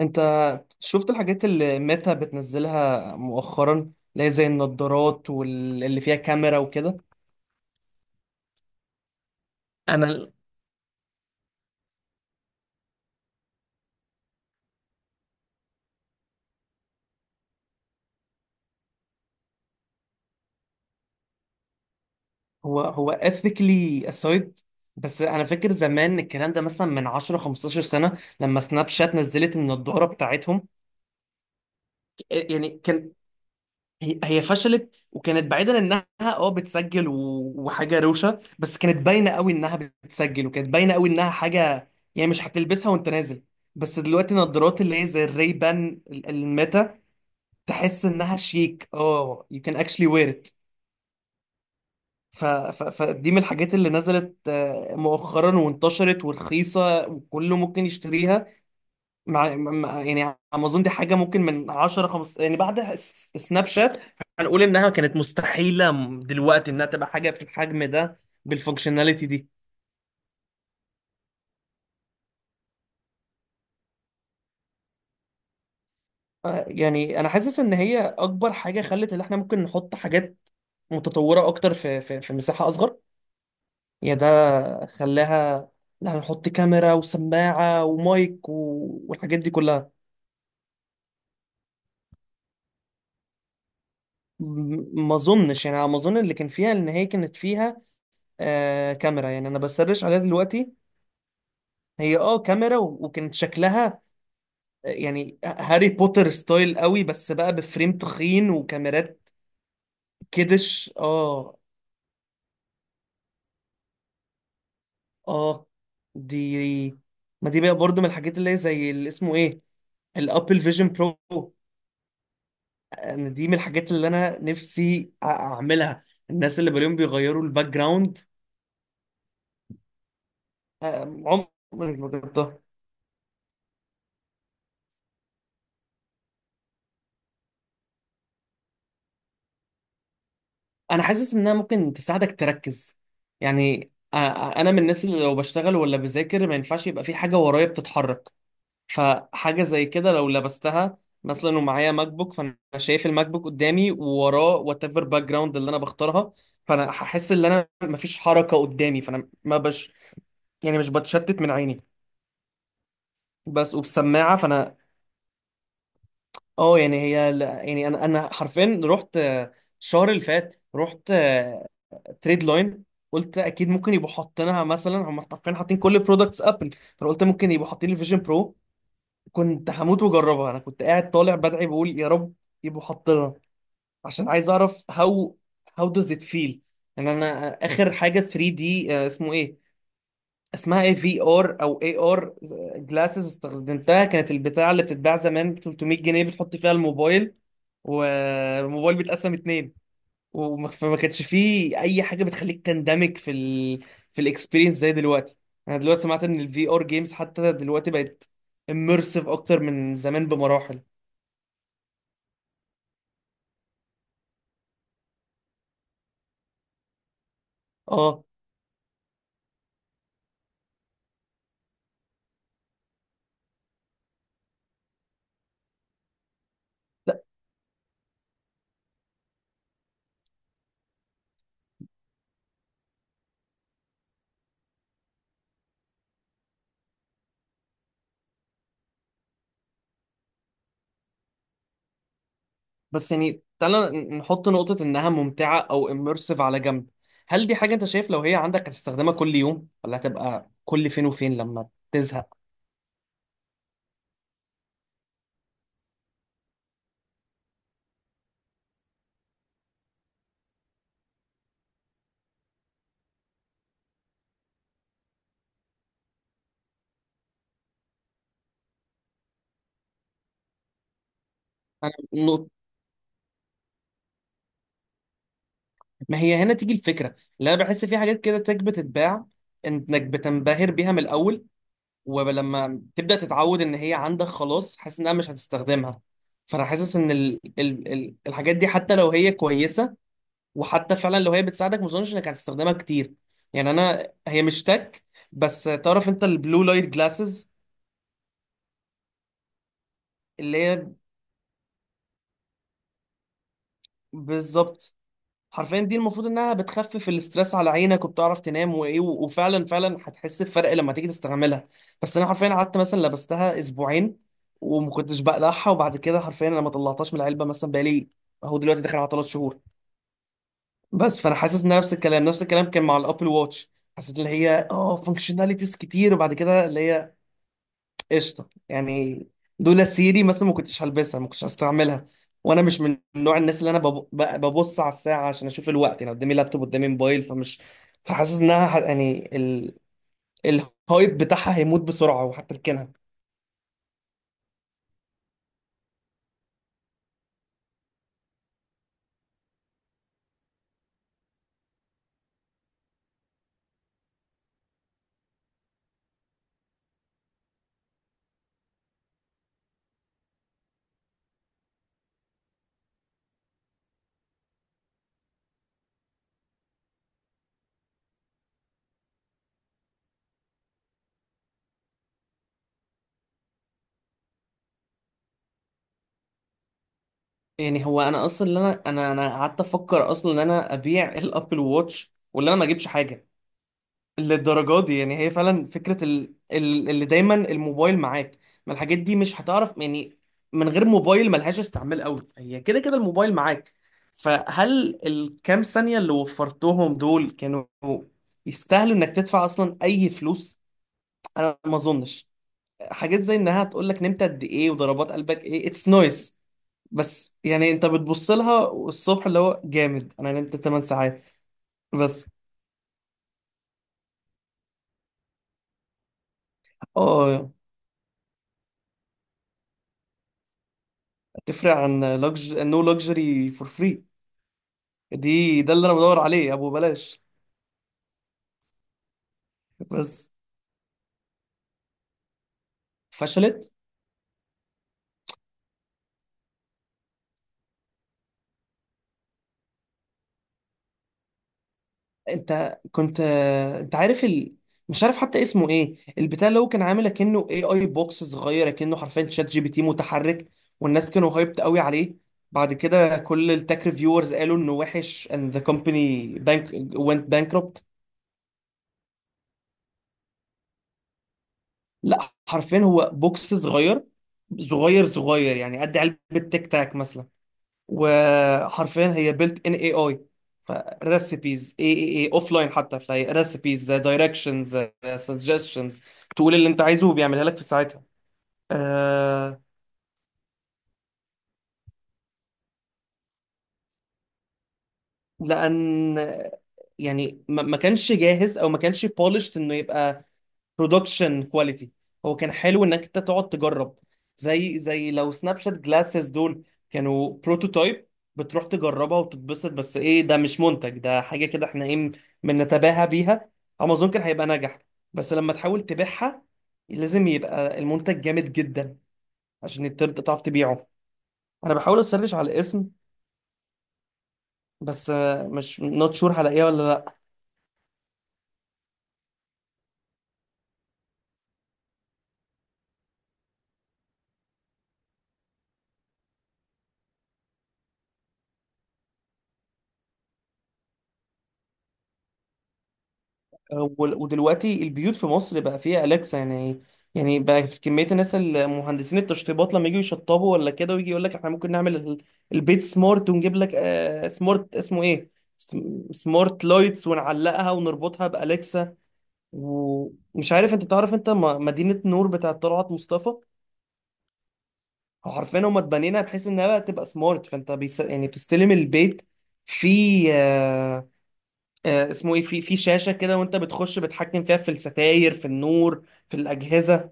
انت شفت الحاجات اللي ميتا بتنزلها مؤخرا، اللي هي زي النضارات واللي فيها كاميرا وكده. انا ال- هو ethically aside. بس انا فاكر زمان الكلام ده مثلا من 10 15 سنة لما سناب شات نزلت النضارة بتاعتهم. إيه، يعني كان... هي فشلت، وكانت بعيدا انها بتسجل وحاجة روشة، بس كانت باينة قوي انها بتسجل، وكانت باينة قوي انها حاجة، يعني مش هتلبسها وانت نازل. بس دلوقتي النضارات اللي هي زي الريبان الميتا، تحس انها شيك. اه You can actually wear it. فدي من الحاجات اللي نزلت مؤخرا، وانتشرت ورخيصه وكله ممكن يشتريها. يعني امازون دي حاجه ممكن من 10 15، يعني بعد سناب شات هنقول انها كانت مستحيله دلوقتي انها تبقى حاجه في الحجم ده، بالفانكشناليتي دي. يعني انا حاسس ان هي اكبر حاجه خلت ان احنا ممكن نحط حاجات متطوره اكتر في مساحه اصغر. يا ده خلاها... لا، هنحط كاميرا وسماعة ومايك و... والحاجات دي كلها. ما اظنش، يعني على ما اظن اللي كان فيها ان هي كانت فيها كاميرا. يعني انا بسرش عليها دلوقتي. هي كاميرا وكانت شكلها يعني هاري بوتر ستايل قوي، بس بقى بفريم تخين وكاميرات. كدش. اه. اه، دي، ما دي بقى برضو من الحاجات اللي هي زي اللي اسمه ايه، الابل فيجن برو. انا دي من الحاجات اللي انا نفسي اعملها. الناس اللي بلاقيهم بيغيروا الباك جراوند، عمري ما جربتها. انا حاسس انها ممكن تساعدك تركز. يعني أ- أ- انا من الناس اللي لو بشتغل ولا بذاكر ما ينفعش يبقى في حاجه ورايا بتتحرك. فحاجه زي كده لو لبستها مثلا ومعايا ماك بوك، فانا شايف الماك بوك قدامي، ووراه وات ايفر باك جراوند اللي انا بختارها. فانا هحس ان انا مفيش حركه قدامي، فانا ما بش، يعني مش بتشتت من عيني. بس وبسماعه، فانا... اه يعني هي يعني انا حرفيا رحت الشهر اللي فات. رحت تريد لاين، قلت اكيد ممكن يبقوا حاطينها، مثلا هم حرفيا حاطين كل برودكتس ابل، فانا قلت ممكن يبقوا حاطين الفيجن برو. كنت هموت واجربها. انا كنت قاعد طالع بدعي بقول يا رب يبقوا حاطينها، عشان عايز اعرف هاو does it feel. يعني انا اخر حاجه 3D، اسمه ايه، اسمها ايه، في ار او اي ار جلاسز، استخدمتها. كانت البتاع اللي بتتباع زمان ب 300 جنيه، بتحط فيها الموبايل والموبايل بيتقسم اتنين، فما كانش فيه اي حاجه بتخليك تندمج في الاكسبيرينس زي دلوقتي. انا دلوقتي سمعت ان الفي ار جيمز حتى دلوقتي بقت اميرسيف اكتر من زمان بمراحل. اه. بس يعني تعالى نحط نقطة إنها ممتعة أو immersive على جنب. هل دي حاجة أنت شايف لو هي عندك هتستخدمها كل يوم، ولا هتبقى كل فين وفين لما تزهق؟ أنا نقطة... ما هي هنا تيجي الفكرة، اللي أنا بحس في حاجات كده تك بتتباع، إنك بتنبهر بيها من الأول، ولما تبدأ تتعود إن هي عندك خلاص حاسس إنها مش هتستخدمها. فأنا حاسس إن الحاجات دي حتى لو هي كويسة، وحتى فعلا لو هي بتساعدك، ما اظنش انك هتستخدمها كتير. يعني انا هي مش تك. بس تعرف انت البلو لايت جلاسز؟ اللي هي... بالظبط. حرفيا دي المفروض انها بتخفف الاسترس على عينك وبتعرف تنام وايه، وفعلا فعلا هتحس بفرق لما تيجي تستعملها. بس انا حرفيا قعدت مثلا لبستها اسبوعين وما كنتش بقلعها، وبعد كده حرفيا انا ما طلعتهاش من العلبه، مثلا بقالي اهو دلوقتي داخل على ثلاث شهور. بس فانا حاسس ان نفس الكلام نفس الكلام كان مع الابل واتش. حسيت ان هي فانكشناليتيز كتير، وبعد كده اللي هي قشطه يعني. دول سيري مثلا ما كنتش هلبسها، ما كنتش هستعملها. وانا مش من نوع الناس اللي ببص على الساعه عشان اشوف الوقت، يعني قدامي لابتوب قدامي موبايل فمش... فحاسس انها يعني الهايب بتاعها هيموت بسرعه وهتركنها. يعني هو انا اصلا اللي انا قعدت افكر اصلا ان انا ابيع الابل واتش ولا انا ما اجيبش حاجه. للدرجة دي، يعني هي فعلا فكرة اللي دايما الموبايل معاك. ما الحاجات دي مش هتعرف يعني من غير موبايل، ملهاش استعمال قوي، هي كده كده الموبايل معاك. فهل الكام ثانية اللي وفرتهم دول كانوا يستاهلوا انك تدفع اصلا اي فلوس؟ انا ما اظنش. حاجات زي انها تقول لك نمت قد ايه وضربات قلبك ايه، اتس نويز، بس يعني انت بتبص لها الصبح اللي هو جامد، انا نمت 8 ساعات. بس اه تفرق عن لوكج، نو لوكجري فور فري. ده اللي انا بدور عليه، ابو بلاش. بس فشلت. انت كنت... انت عارف ال... مش عارف حتى اسمه ايه البتاع، اللي هو كان عامل كأنه اي اي بوكس صغير، كأنه حرفيا شات جي بي تي متحرك. والناس كانوا هايبت قوي عليه، بعد كده كل التك ريفيورز قالوا انه وحش and the company bank went bankrupt. لا، حرفيا هو بوكس صغير، صغير صغير يعني قد علبة تيك تاك مثلا. وحرفيا هي بيلت ان اي اي، فريسيبيز اي اي اي اوف لاين حتى، فهي ريسيبيز، دايركشنز، سجستشنز. تقول اللي انت عايزه وبيعملها لك في ساعتها. آه. لان، يعني ما كانش جاهز، او ما كانش بولشت انه يبقى برودكشن كواليتي. هو كان حلو انك انت تقعد تجرب، زي لو سناب شات جلاسز دول كانوا بروتوتايب، بتروح تجربها وتتبسط، بس ايه ده مش منتج، ده حاجه كده احنا ايه، بنتباهى بيها. امازون كان هيبقى ناجح، بس لما تحاول تبيعها لازم يبقى المنتج جامد جدا عشان تعرف تبيعه. انا بحاول اسرش على الاسم، بس مش نوت شور هلاقيها ولا لا. ودلوقتي البيوت في مصر بقى فيها أليكسا، يعني بقى في كمية الناس، المهندسين، التشطيبات، لما يجوا يشطبوا ولا كده، ويجي يقول لك احنا ممكن نعمل البيت سمارت، ونجيب لك سمارت اسمه ايه، سمارت لايتس، ونعلقها ونربطها بأليكسا. ومش عارف انت تعرف انت مدينة نور بتاعت طلعت مصطفى؟ حرفيا هما اتبنينها بحيث انها بقى تبقى سمارت، فانت بيس يعني بتستلم البيت في آه، اسمه ايه، في شاشه كده، وانت بتخش بتحكم فيها، في الستاير، في النور، في الاجهزه.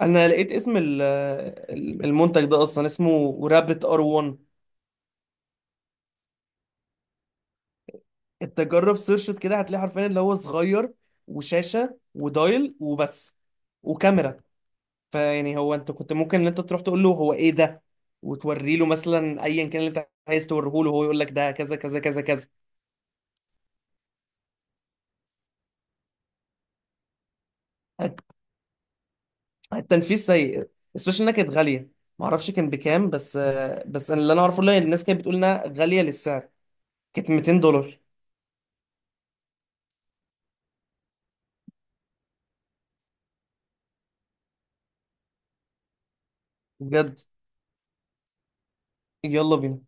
انا لقيت اسم المنتج ده، اصلا اسمه رابت ار 1. انت جرب سيرشت كده، هتلاقي حرفيا اللي هو صغير، وشاشه ودايل وبس، وكاميرا. فيعني هو انت كنت ممكن ان انت تروح تقول له هو ايه ده، وتوري له مثلا ايا كان اللي انت عايز توريه له، هو يقول لك ده كذا كذا كذا كذا. التنفيذ سيء، especially انها كانت غاليه. ما اعرفش كان بكام، بس بس أنا اللي انا اعرفه ان الناس كانت بتقول انها غاليه للسعر. كانت 200 دولار. بجد. يلا بينا.